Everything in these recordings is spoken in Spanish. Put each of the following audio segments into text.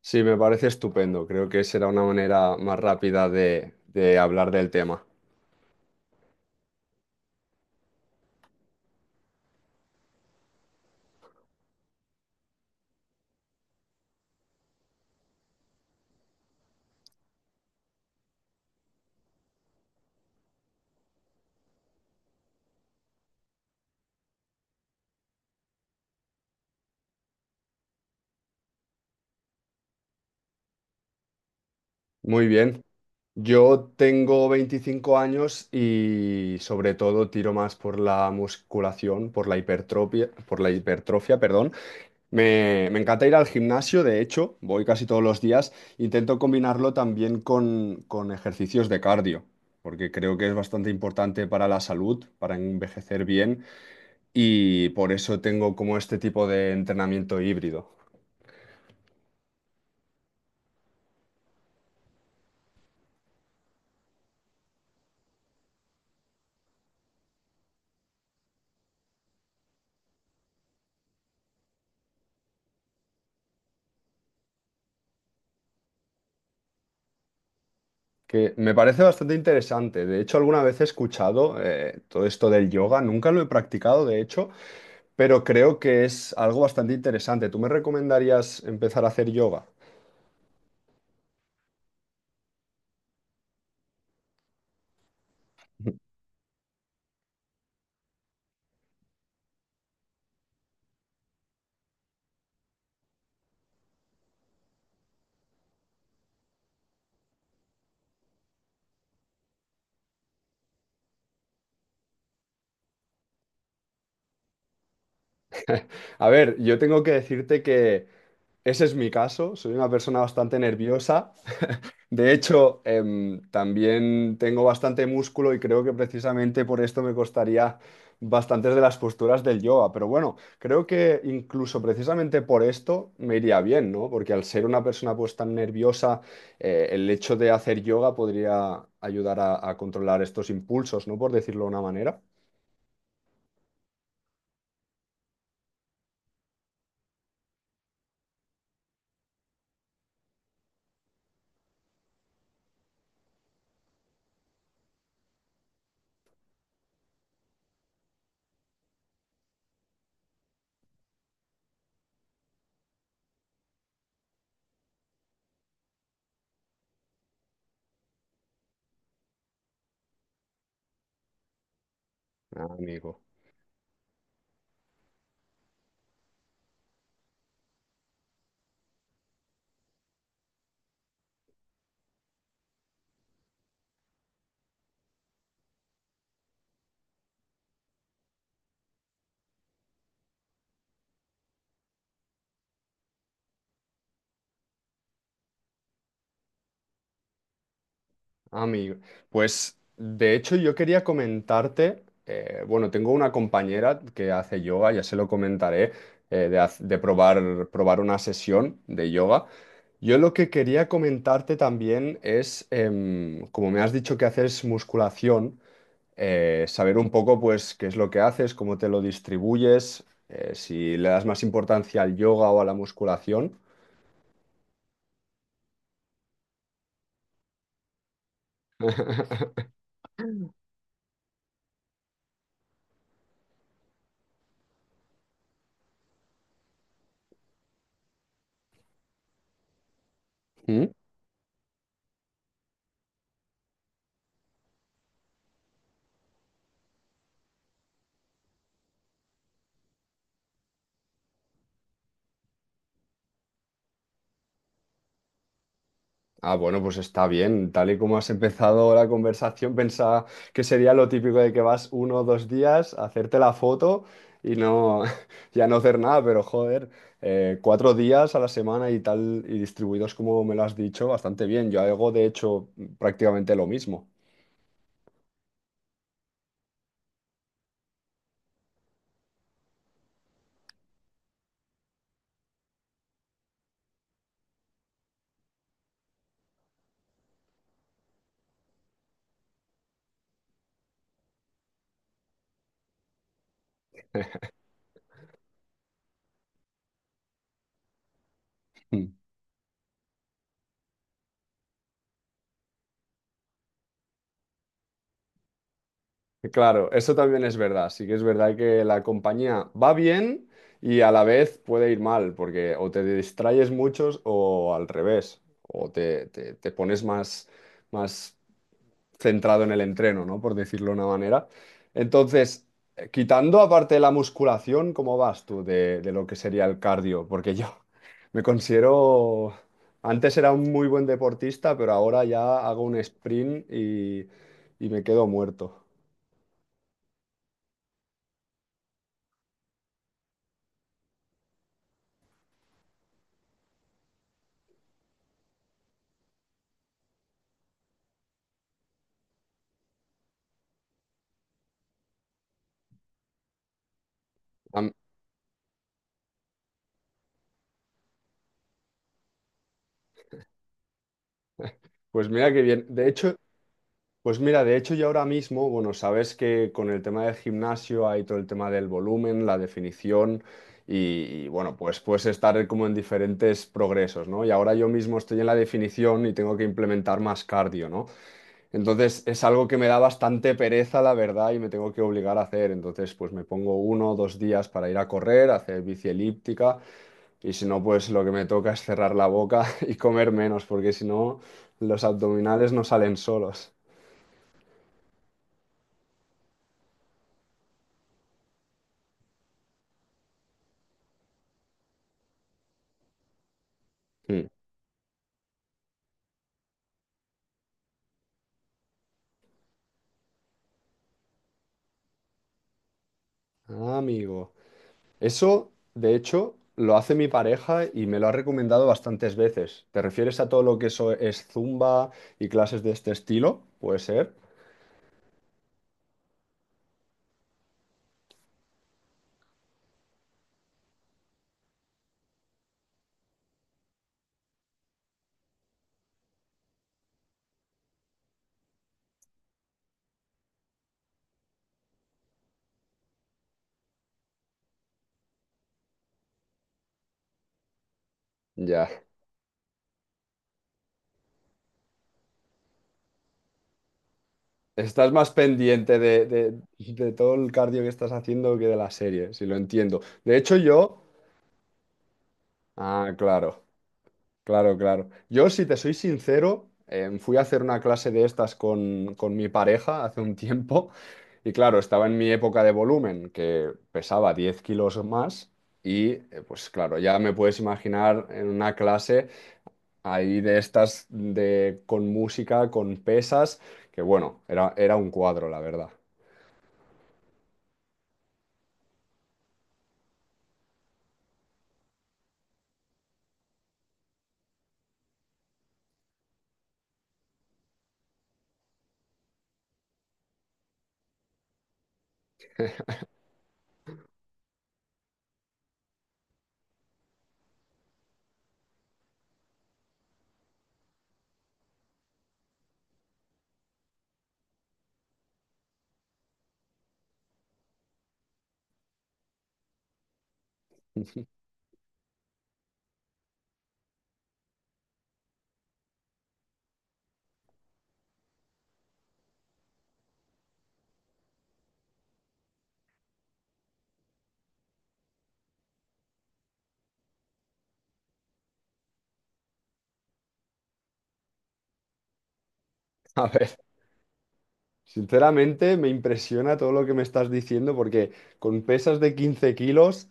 Sí, me parece estupendo. Creo que será una manera más rápida de hablar del tema. Muy bien. Yo tengo 25 años y sobre todo tiro más por la musculación, por la hipertrofia, perdón. Me encanta ir al gimnasio, de hecho, voy casi todos los días. Intento combinarlo también con ejercicios de cardio, porque creo que es bastante importante para la salud, para envejecer bien y por eso tengo como este tipo de entrenamiento híbrido, que me parece bastante interesante. De hecho, alguna vez he escuchado todo esto del yoga, nunca lo he practicado, de hecho, pero creo que es algo bastante interesante. ¿Tú me recomendarías empezar a hacer yoga? A ver, yo tengo que decirte que ese es mi caso, soy una persona bastante nerviosa. De hecho, también tengo bastante músculo y creo que precisamente por esto me costaría bastantes de las posturas del yoga. Pero bueno, creo que incluso precisamente por esto me iría bien, ¿no? Porque al ser una persona pues tan nerviosa, el hecho de hacer yoga podría ayudar a controlar estos impulsos, ¿no? Por decirlo de una manera. Ah, amigo. Ah, amigo, pues de hecho yo quería comentarte, bueno, tengo una compañera que hace yoga, ya se lo comentaré, de, de probar, probar una sesión de yoga. Yo lo que quería comentarte también es, como me has dicho que haces musculación, saber un poco pues qué es lo que haces, cómo te lo distribuyes, si le das más importancia al yoga o a la musculación. Ah, bueno, pues está bien. Tal y como has empezado la conversación, pensaba que sería lo típico de que vas uno o dos días a hacerte la foto y no, ya no hacer nada, pero joder, cuatro días a la semana y tal, y distribuidos como me lo has dicho, bastante bien. Yo hago, de hecho, prácticamente lo mismo. Claro, eso también es verdad. Sí que es verdad que la compañía va bien y a la vez puede ir mal, porque o te distraes muchos o al revés, o te, te pones más, más centrado en el entreno, ¿no? Por decirlo de una manera. Entonces, quitando aparte la musculación, ¿cómo vas tú de lo que sería el cardio? Porque yo me considero... Antes era un muy buen deportista, pero ahora ya hago un sprint y me quedo muerto. Pues mira qué bien. De hecho, pues mira, de hecho yo ahora mismo, bueno, sabes que con el tema del gimnasio hay todo el tema del volumen, la definición y, y, bueno, pues puedes estar como en diferentes progresos, ¿no? Y ahora yo mismo estoy en la definición y tengo que implementar más cardio, ¿no? Entonces es algo que me da bastante pereza, la verdad, y me tengo que obligar a hacer. Entonces, pues me pongo uno o dos días para ir a correr, a hacer bici elíptica y si no, pues lo que me toca es cerrar la boca y comer menos, porque si no, los abdominales no salen solos. Mm. Ah, amigo. Eso, de hecho, lo hace mi pareja y me lo ha recomendado bastantes veces. ¿Te refieres a todo lo que eso es zumba y clases de este estilo? Puede ser. Ya. Estás más pendiente de, de todo el cardio que estás haciendo que de la serie, si lo entiendo. De hecho, yo... Ah, claro. Claro, claro. Yo, si te soy sincero, fui a hacer una clase de estas con mi pareja hace un tiempo y claro, estaba en mi época de volumen, que pesaba 10 kilos más y pues claro, ya me puedes imaginar en una clase ahí de estas de, con música, con pesas, que bueno, era, era un cuadro, la verdad. A ver, sinceramente me impresiona todo lo que me estás diciendo porque con pesas de 15 kilos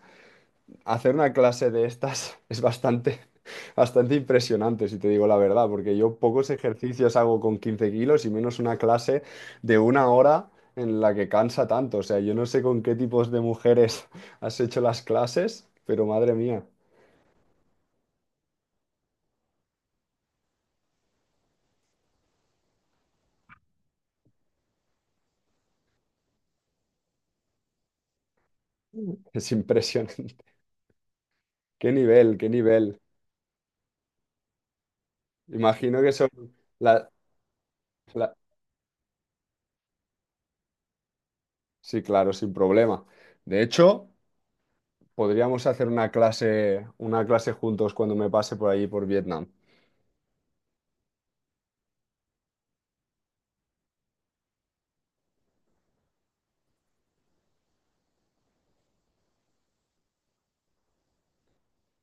hacer una clase de estas es bastante, bastante impresionante, si te digo la verdad, porque yo pocos ejercicios hago con 15 kilos y menos una clase de una hora en la que cansa tanto. O sea, yo no sé con qué tipos de mujeres has hecho las clases, pero madre mía, es impresionante. Qué nivel, qué nivel. Imagino que son la, la- Sí, claro, sin problema. De hecho, podríamos hacer una clase juntos cuando me pase por allí por Vietnam.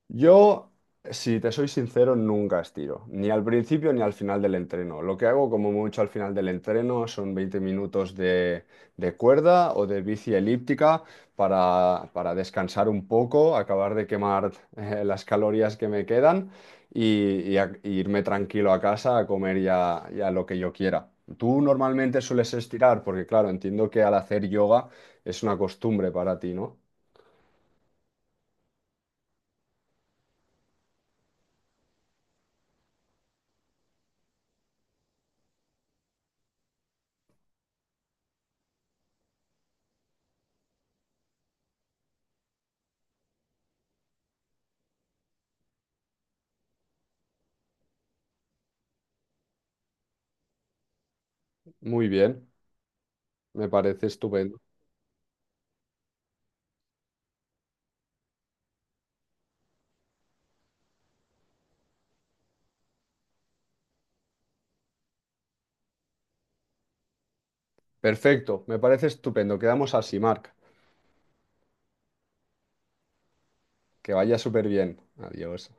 Yo, si te soy sincero, nunca estiro, ni al principio ni al final del entreno. Lo que hago como mucho al final del entreno son 20 minutos de cuerda o de bici elíptica para descansar un poco, acabar de quemar las calorías que me quedan y y irme tranquilo a casa a comer ya, ya lo que yo quiera. Tú normalmente sueles estirar, porque claro, entiendo que al hacer yoga es una costumbre para ti, ¿no? Muy bien, me parece estupendo. Perfecto, me parece estupendo. Quedamos así, Marc. Que vaya súper bien. Adiós.